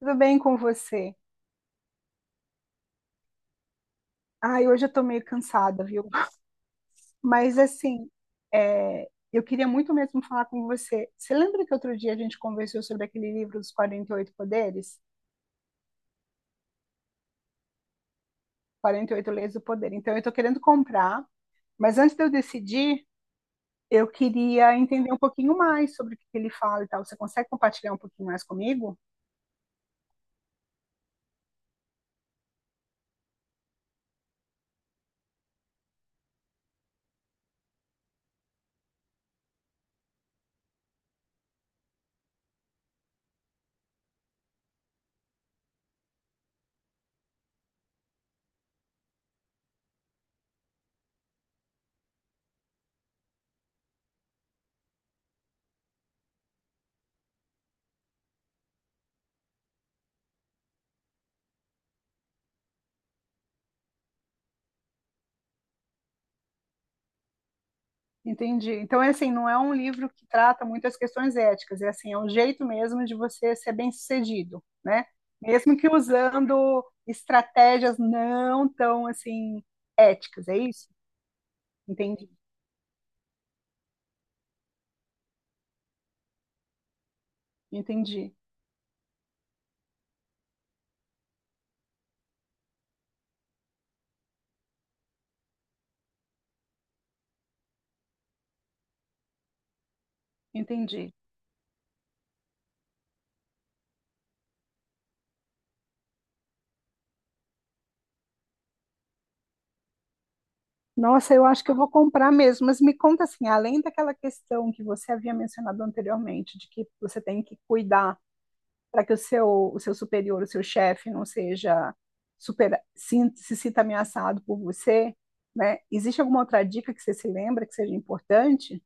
Tudo bem com você? Ai, hoje eu tô meio cansada, viu? Mas assim, eu queria muito mesmo falar com você. Você lembra que outro dia a gente conversou sobre aquele livro dos 48 Poderes? Quarenta e oito Leis do Poder. Então, eu tô querendo comprar, mas antes de eu decidir, eu queria entender um pouquinho mais sobre o que que ele fala e tal. Você consegue compartilhar um pouquinho mais comigo? Entendi. Então, é assim, não é um livro que trata muitas questões éticas, é assim, é um jeito mesmo de você ser bem-sucedido, né? Mesmo que usando estratégias não tão assim éticas, é isso? Entendi, entendi, entendi. Nossa, eu acho que eu vou comprar mesmo, mas me conta assim, além daquela questão que você havia mencionado anteriormente, de que você tem que cuidar para que o seu superior, o seu chefe não seja super, sin- se, sinta ameaçado por você, né? Existe alguma outra dica que você se lembra que seja importante?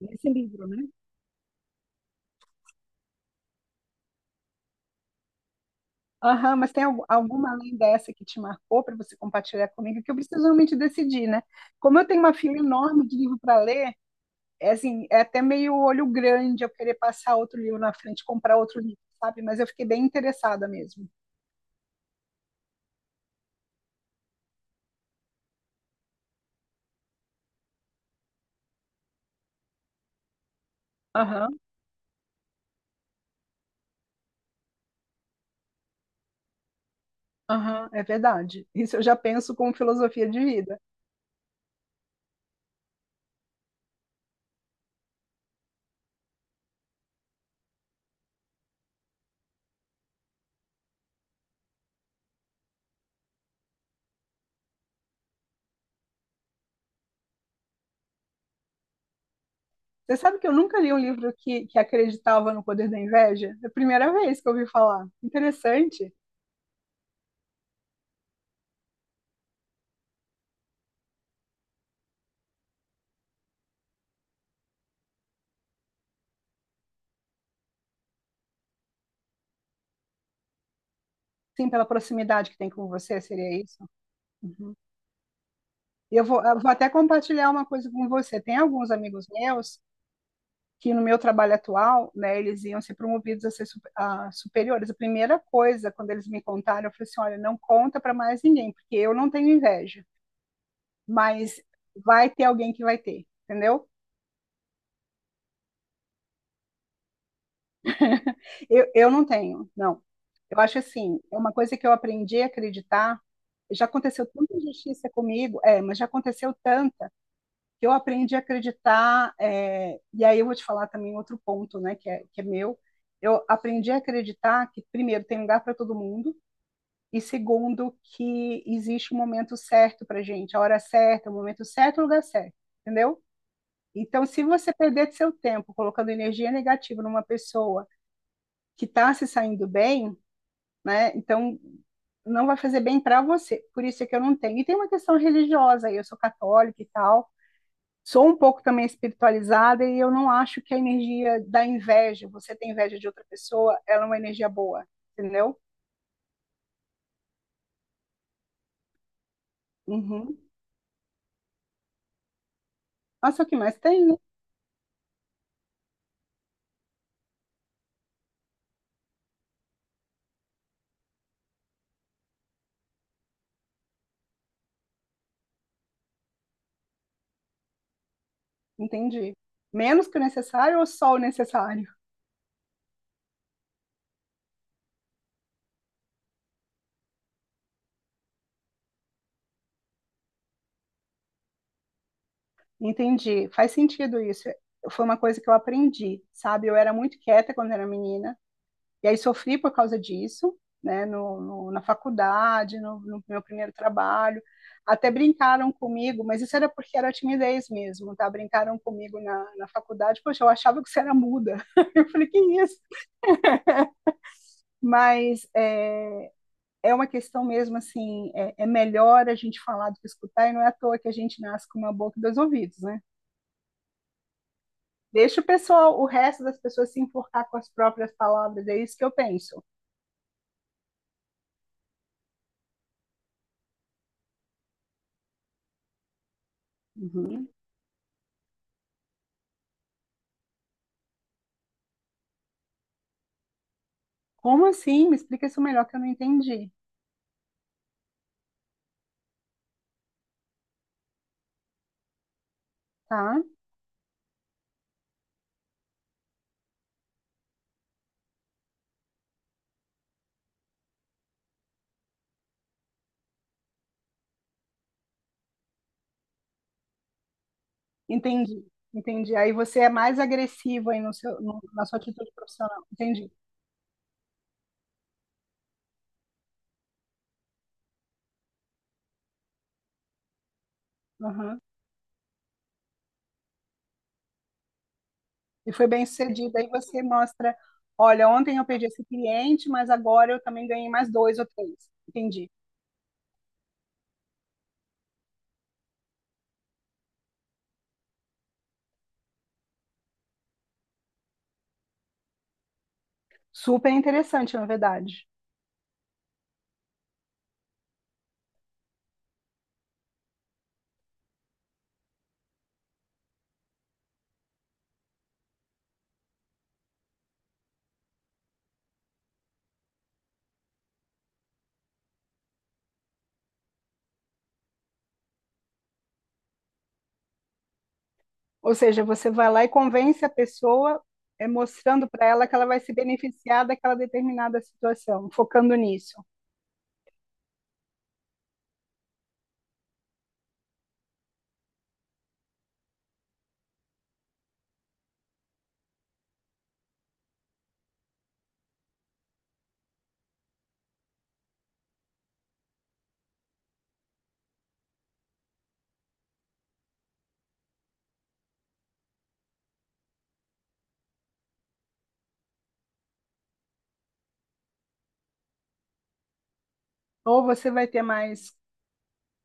Nesse livro, né? Aham, mas tem alguma além dessa que te marcou para você compartilhar comigo, que eu preciso realmente decidir, né? Como eu tenho uma fila enorme de livro para ler, é assim, é até meio olho grande eu querer passar outro livro na frente, comprar outro livro, sabe? Mas eu fiquei bem interessada mesmo. Aham, aham, é verdade. Isso eu já penso como filosofia de vida. Você sabe que eu nunca li um livro que acreditava no poder da inveja? É a primeira vez que eu ouvi falar. Interessante. Sim, pela proximidade que tem com você, seria isso? Uhum. E eu vou, até compartilhar uma coisa com você. Tem alguns amigos meus que no meu trabalho atual, né, eles iam ser promovidos a ser su- a superiores. A primeira coisa, quando eles me contaram, eu falei assim, olha, não conta para mais ninguém, porque eu não tenho inveja, mas vai ter alguém que vai ter, entendeu? Eu não tenho, não. Eu acho assim, é uma coisa que eu aprendi a acreditar. Já aconteceu tanta injustiça comigo, mas já aconteceu tanta que eu aprendi a acreditar. E aí eu vou te falar também outro ponto, né, que é meu. Eu aprendi a acreditar que, primeiro, tem lugar para todo mundo, e segundo, que existe um momento certo para gente, a hora certa, o momento certo, o lugar certo, entendeu? Então, se você perder seu tempo colocando energia negativa numa pessoa, que está se saindo bem, né? Então não vai fazer bem para você. Por isso é que eu não tenho. E tem uma questão religiosa, eu sou católica e tal. Sou um pouco também espiritualizada e eu não acho que a energia da inveja, você tem inveja de outra pessoa, ela é uma energia boa, entendeu? Uhum. Nossa, o que mais tem, né? Entendi. Menos que o necessário ou só o necessário? Entendi. Faz sentido isso. Foi uma coisa que eu aprendi, sabe? Eu era muito quieta quando era menina. E aí sofri por causa disso, né, na faculdade, no, no, meu primeiro trabalho. Até brincaram comigo, mas isso era porque era timidez mesmo, tá? Brincaram comigo na faculdade, poxa, eu achava que você era muda. Eu falei, que isso? Mas é, é uma questão mesmo assim, melhor a gente falar do que escutar, e não é à toa que a gente nasce com uma boca e dois ouvidos, né? Deixa o pessoal, o resto das pessoas se enforcar com as próprias palavras, é isso que eu penso. Uhum. Como assim? Me explica isso melhor que eu não entendi. Tá, entendi, entendi. Aí você é mais agressivo aí no na sua atitude profissional, entendi. Aham. E foi bem sucedido. Aí você mostra, olha, ontem eu perdi esse cliente, mas agora eu também ganhei mais dois ou três. Entendi. Super interessante, na verdade. Ou seja, você vai lá e convence a pessoa, é, mostrando para ela que ela vai se beneficiar daquela determinada situação, focando nisso. Ou você vai ter mais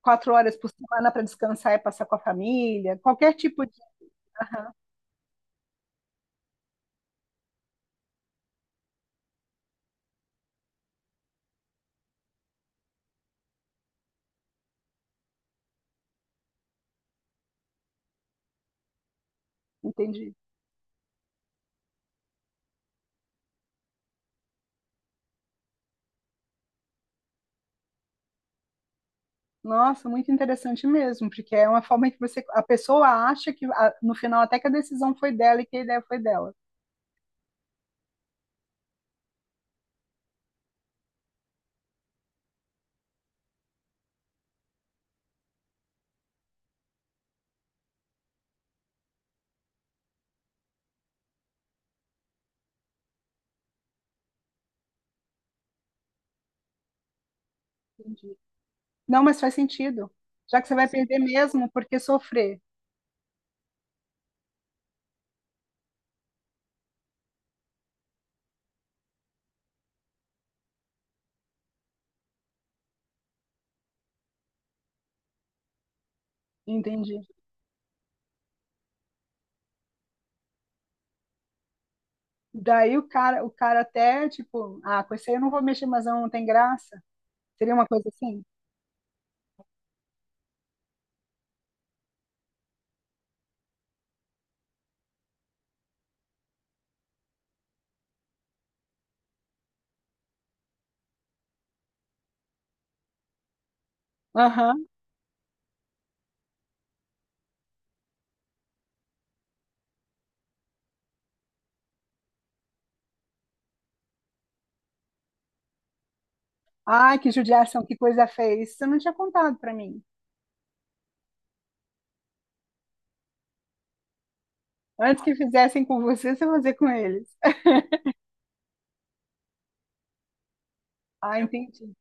4 horas por semana para descansar e passar com a família, qualquer tipo de. Entendi. Nossa, muito interessante mesmo, porque é uma forma que você, a pessoa acha que no final até que a decisão foi dela e que a ideia foi dela. Entendi. Não, mas faz sentido. Já que você vai perder mesmo, por que sofrer? Entendi. Daí o cara até tipo, ah, com isso aí eu não vou mexer, mas não tem graça. Seria uma coisa assim? Aham. Ai, que judiação, que coisa feia. Isso você não tinha contado pra mim. Antes que fizessem com você, você fazia com eles. Ah, entendi.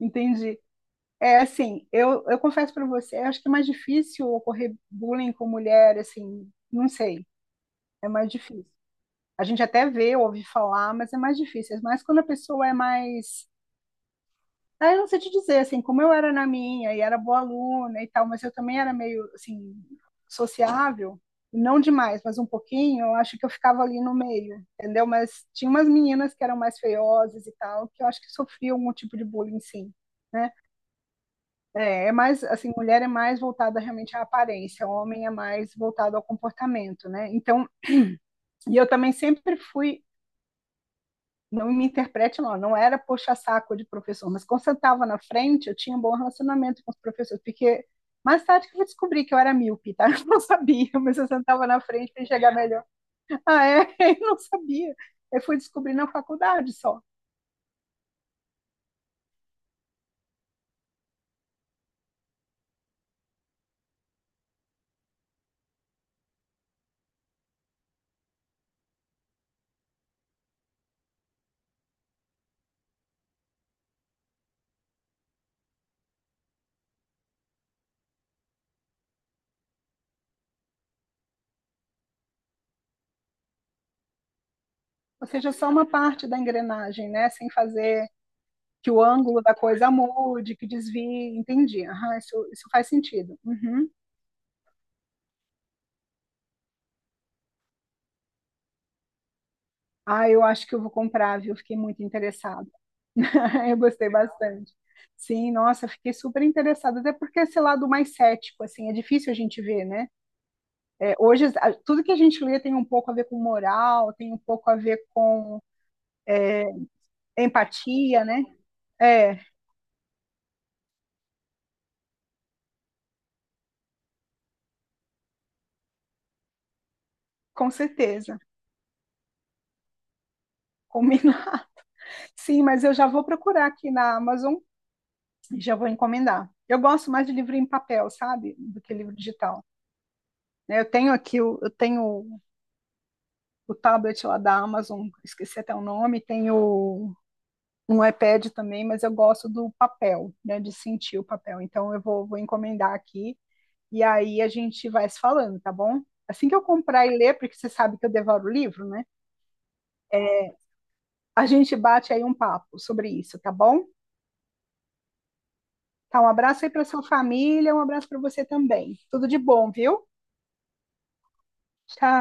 Entendi. É assim, eu confesso para você, eu acho que é mais difícil ocorrer bullying com mulher, assim, não sei, é mais difícil. A gente até vê, ouve falar, mas é mais difícil. Mas quando a pessoa é mais. Ah, eu não sei te dizer, assim, como eu era na minha, e era boa aluna e tal, mas eu também era meio, assim, sociável, não demais, mas um pouquinho, eu acho que eu ficava ali no meio, entendeu? Mas tinha umas meninas que eram mais feiosas e tal, que eu acho que sofriam algum tipo de bullying, sim. Né? É, é mais assim, mulher é mais voltada realmente à aparência, homem é mais voltado ao comportamento, né? Então, e eu também sempre fui, não me interprete mal, não era puxa-saco de professor, mas quando eu estava na frente, eu tinha um bom relacionamento com os professores, porque mais tarde que eu descobri que eu era míope, tá? Eu não sabia, mas eu sentava na frente para enxergar melhor. Ah, é? Eu não sabia. Eu fui descobrir na faculdade só. Ou seja, só uma parte da engrenagem, né? Sem fazer que o ângulo da coisa mude, que desvie, entendi. Aham, isso faz sentido. Uhum. Ah, eu acho que eu vou comprar, viu? Fiquei muito interessada. Eu gostei bastante. Sim, nossa, fiquei super interessada, até porque esse lado mais cético, assim, é difícil a gente ver, né? É, hoje, tudo que a gente lê tem um pouco a ver com moral, tem um pouco a ver com empatia, né? É, com certeza. Combinar. Sim, mas eu já vou procurar aqui na Amazon já vou encomendar. Eu gosto mais de livro em papel, sabe? Do que livro digital. Né? Eu tenho aqui, eu tenho o tablet lá da Amazon, esqueci até o nome, tenho um iPad também, mas eu gosto do papel, né? De sentir o papel. Então eu vou, vou encomendar aqui e aí a gente vai se falando, tá bom? Assim que eu comprar e ler, porque você sabe que eu devoro livro, né? A gente bate aí um papo sobre isso, tá bom? Tá, um abraço aí para sua família, um abraço para você também. Tudo de bom, viu? Tchau.